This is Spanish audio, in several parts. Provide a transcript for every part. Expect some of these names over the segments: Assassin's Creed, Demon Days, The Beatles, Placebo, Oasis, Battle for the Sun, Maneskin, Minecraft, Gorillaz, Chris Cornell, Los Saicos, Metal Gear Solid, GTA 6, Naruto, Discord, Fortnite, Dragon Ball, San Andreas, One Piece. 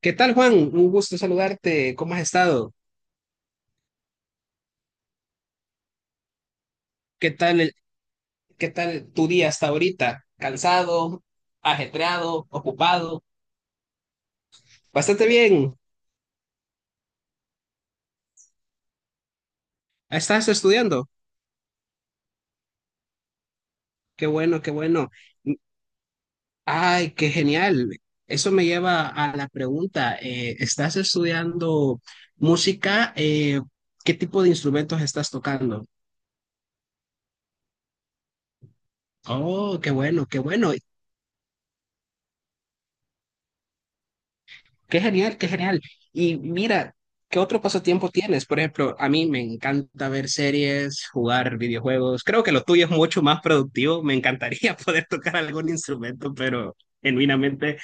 ¿Qué tal, Juan? Un gusto saludarte. ¿Cómo has estado? ¿Qué tal, qué tal tu día hasta ahorita? ¿Cansado, ajetreado, ocupado? Bastante bien. ¿Estás estudiando? Qué bueno, qué bueno. Ay, qué genial. Eso me lleva a la pregunta. ¿ ¿estás estudiando música? ¿ ¿qué tipo de instrumentos estás tocando? Oh, qué bueno, qué bueno. Qué genial, qué genial. Y mira, ¿qué otro pasatiempo tienes? Por ejemplo, a mí me encanta ver series, jugar videojuegos. Creo que lo tuyo es mucho más productivo. Me encantaría poder tocar algún instrumento, pero genuinamente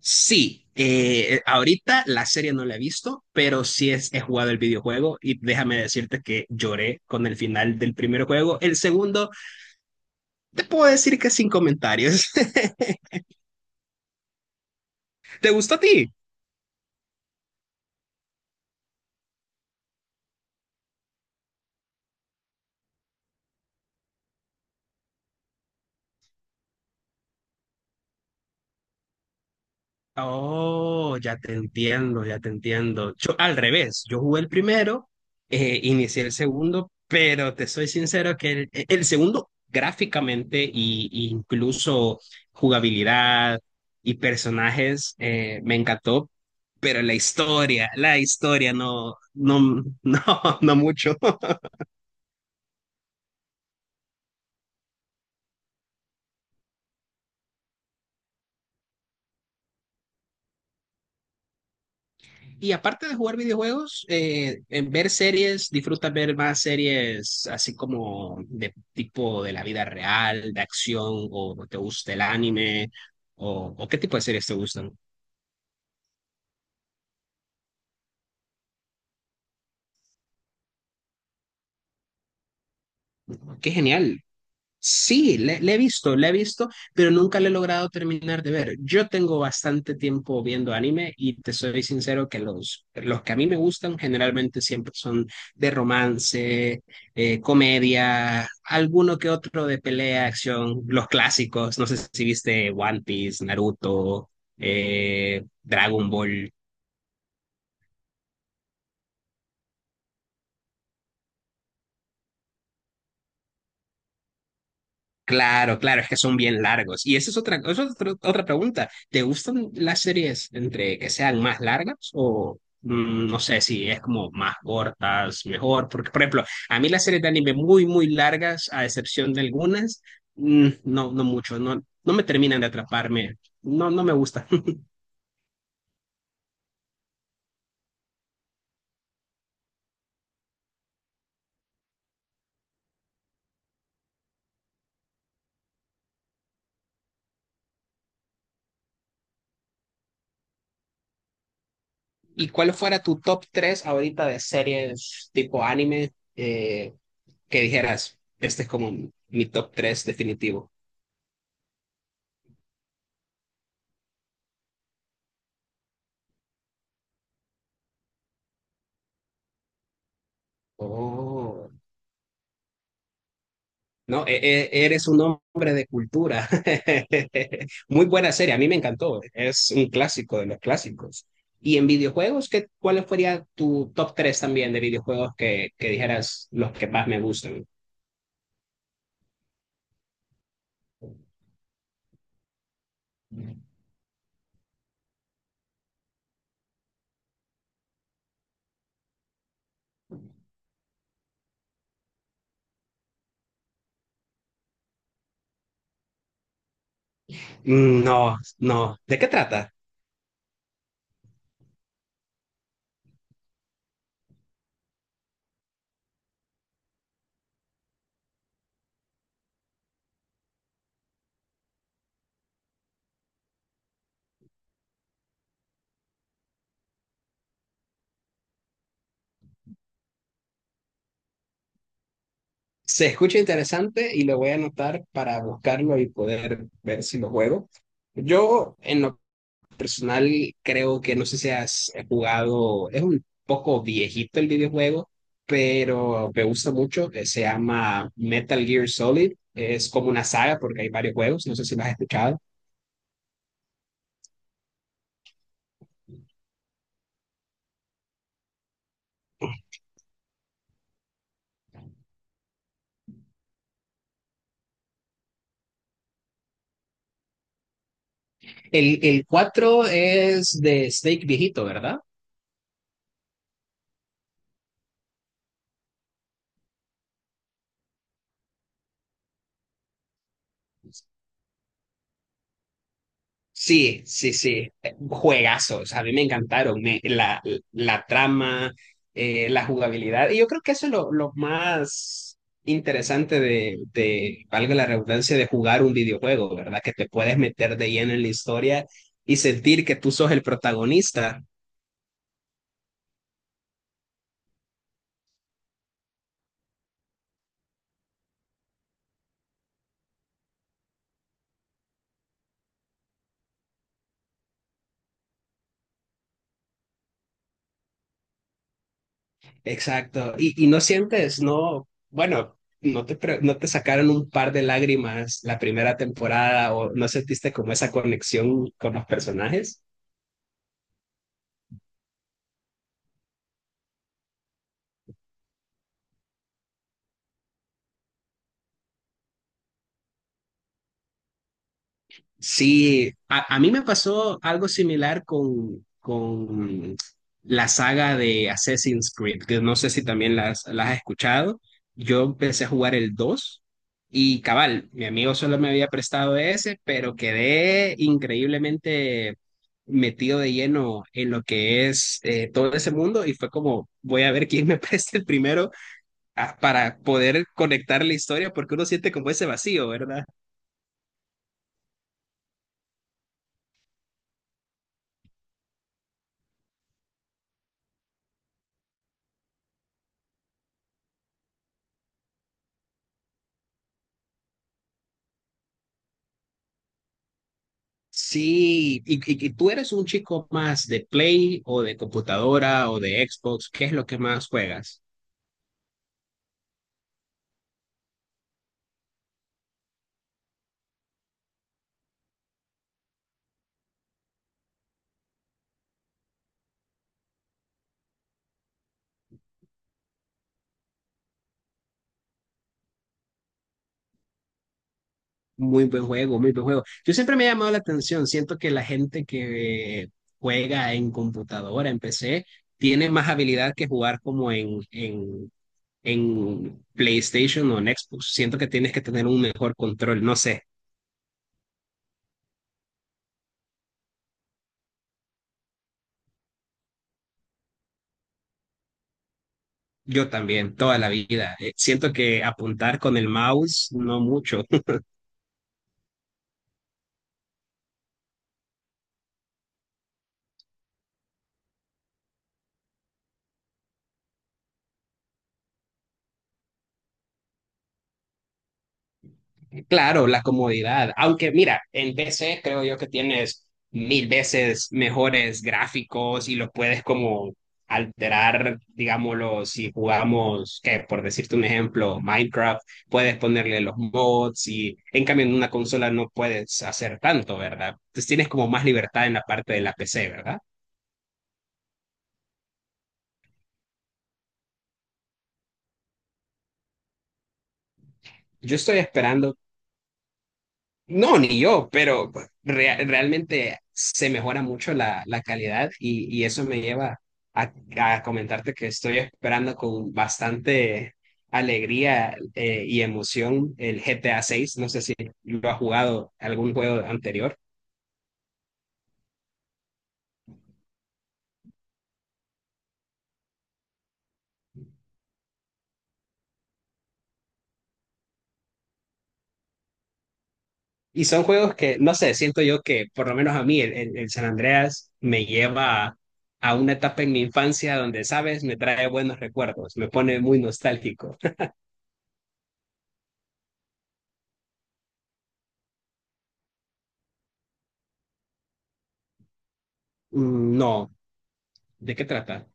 sí. Ahorita la serie no la he visto, pero sí es, he jugado el videojuego y déjame decirte que lloré con el final del primer juego. El segundo, te puedo decir que sin comentarios. ¿Te gustó a ti? Oh, ya te entiendo, ya te entiendo. Yo al revés, yo jugué el primero, inicié el segundo, pero te soy sincero que el, e, el segundo gráficamente y incluso jugabilidad y personajes me encantó, pero la historia no, no, no, no mucho. Y aparte de jugar videojuegos, en ver series, disfrutas ver más series así como de tipo de la vida real, de acción, o te gusta el anime, o qué tipo de series te gustan. Qué genial. Sí, le, le he visto, pero nunca le he logrado terminar de ver. Yo tengo bastante tiempo viendo anime y te soy sincero que los que a mí me gustan generalmente siempre son de romance, comedia, alguno que otro de pelea, acción, los clásicos. ¿No sé si viste One Piece, Naruto, Dragon Ball? Claro, claro, es que son bien largos. Y esa es otra, eso es otra pregunta. ¿Te gustan las series entre que sean más largas o mm, no sé si es como más cortas, mejor? Porque, por ejemplo, a mí las series de anime muy, muy largas, a excepción de algunas, mm, no, no mucho, no, no me terminan de atraparme. No, no me gusta. ¿Y cuál fuera tu top 3 ahorita de series tipo anime que dijeras, este es como mi top tres definitivo? Oh. No, eres un hombre de cultura. Muy buena serie, a mí me encantó. Es un clásico de los clásicos. Y en videojuegos, ¿qué, cuál sería tu top 3 también de videojuegos que dijeras los que más me gustan? Mm, no, no. ¿De qué trata? Se escucha interesante y lo voy a anotar para buscarlo y poder ver si lo juego. Yo, en lo personal creo que no sé si has jugado, es un poco viejito el videojuego, pero me gusta mucho, se llama Metal Gear Solid, es como una saga porque hay varios juegos, no sé si lo has escuchado. El 4 es de Snake viejito, ¿verdad? Sí, sí, sí, juegazos, a mí me encantaron, la, la trama, la jugabilidad, y yo creo que eso es lo más interesante de, valga la redundancia, de jugar un videojuego, ¿verdad? Que te puedes meter de lleno en la historia y sentir que tú sos el protagonista. Exacto, y no sientes, no, bueno, no te, no te sacaron un par de lágrimas la primera temporada o no sentiste como esa conexión con los personajes. Sí, a mí me pasó algo similar con la saga de Assassin's Creed, que no sé si también las has escuchado. Yo empecé a jugar el 2 y cabal, mi amigo solo me había prestado ese, pero quedé increíblemente metido de lleno en lo que es todo ese mundo y fue como, voy a ver quién me presta el primero ah, para poder conectar la historia, porque uno siente como ese vacío, ¿verdad? Sí, y, y tú eres un chico más de Play o de computadora o de Xbox, ¿qué es lo que más juegas? Muy buen juego, muy buen juego. Yo siempre me ha llamado la atención, siento que la gente que juega en computadora, en PC, tiene más habilidad que jugar como en PlayStation o en Xbox. Siento que tienes que tener un mejor control, no sé, yo también, toda la vida. Siento que apuntar con el mouse, no mucho. Claro, la comodidad. Aunque mira, en PC creo yo que tienes mil veces mejores gráficos y los puedes como alterar, digámoslo, si jugamos, que por decirte un ejemplo, Minecraft, puedes ponerle los mods y en cambio en una consola no puedes hacer tanto, ¿verdad? Entonces tienes como más libertad en la parte de la PC, ¿verdad? Yo estoy esperando. No, ni yo, pero pues, realmente se mejora mucho la, la calidad y eso me lleva a, a comentarte que estoy esperando con bastante alegría y emoción el GTA 6. No sé si lo has jugado algún juego anterior. Y son juegos que, no sé, siento yo que por lo menos a mí el, el San Andreas me lleva a una etapa en mi infancia donde, sabes, me trae buenos recuerdos, me pone muy nostálgico. Mm, no, ¿de qué trata?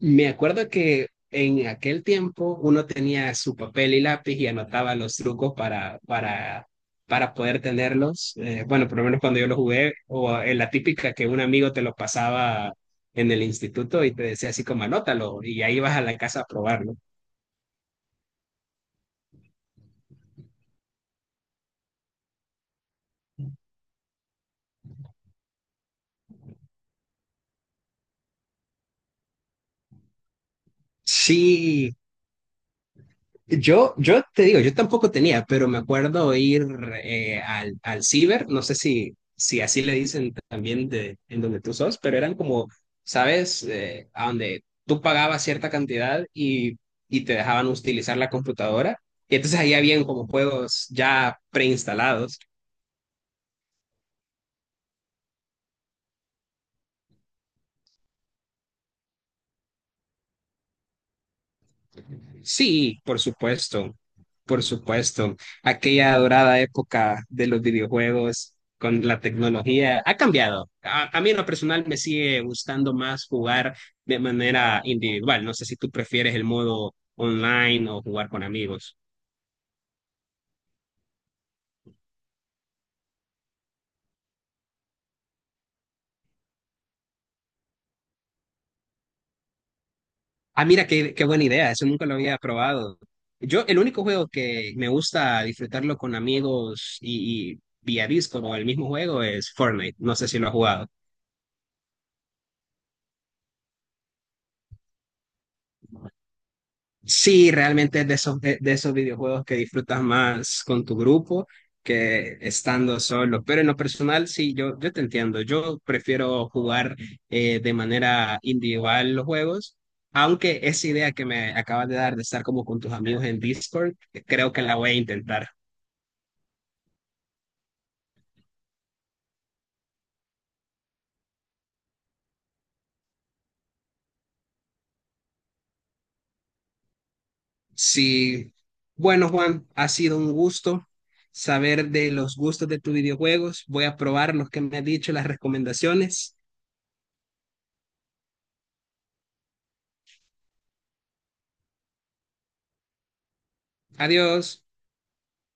Me acuerdo que en aquel tiempo uno tenía su papel y lápiz y anotaba los trucos para poder tenerlos. Bueno, por lo menos cuando yo lo jugué, o en la típica que un amigo te lo pasaba en el instituto y te decía así como anótalo y ahí vas a la casa a probarlo. Sí, yo te digo, yo tampoco tenía, pero me acuerdo ir al, al ciber, no sé si, si así le dicen también de, en donde tú sos, pero eran como, ¿sabes? A donde tú pagabas cierta cantidad y te dejaban utilizar la computadora. Y entonces ahí habían como juegos ya preinstalados. Sí, por supuesto, por supuesto. Aquella dorada época de los videojuegos con la tecnología ha cambiado. A mí en lo personal me sigue gustando más jugar de manera individual. No sé si tú prefieres el modo online o jugar con amigos. Ah, mira, qué, qué buena idea. Eso nunca lo había probado. Yo, el único juego que me gusta disfrutarlo con amigos y vía Discord o el mismo juego es Fortnite. No sé si lo has jugado. Sí, realmente es de esos videojuegos que disfrutas más con tu grupo que estando solo. Pero en lo personal, sí, yo te entiendo. Yo prefiero jugar de manera individual los juegos, aunque esa idea que me acabas de dar de estar como con tus amigos en Discord, creo que la voy a intentar. Sí, bueno, Juan, ha sido un gusto saber de los gustos de tus videojuegos. Voy a probar los que me has dicho, las recomendaciones. Adiós.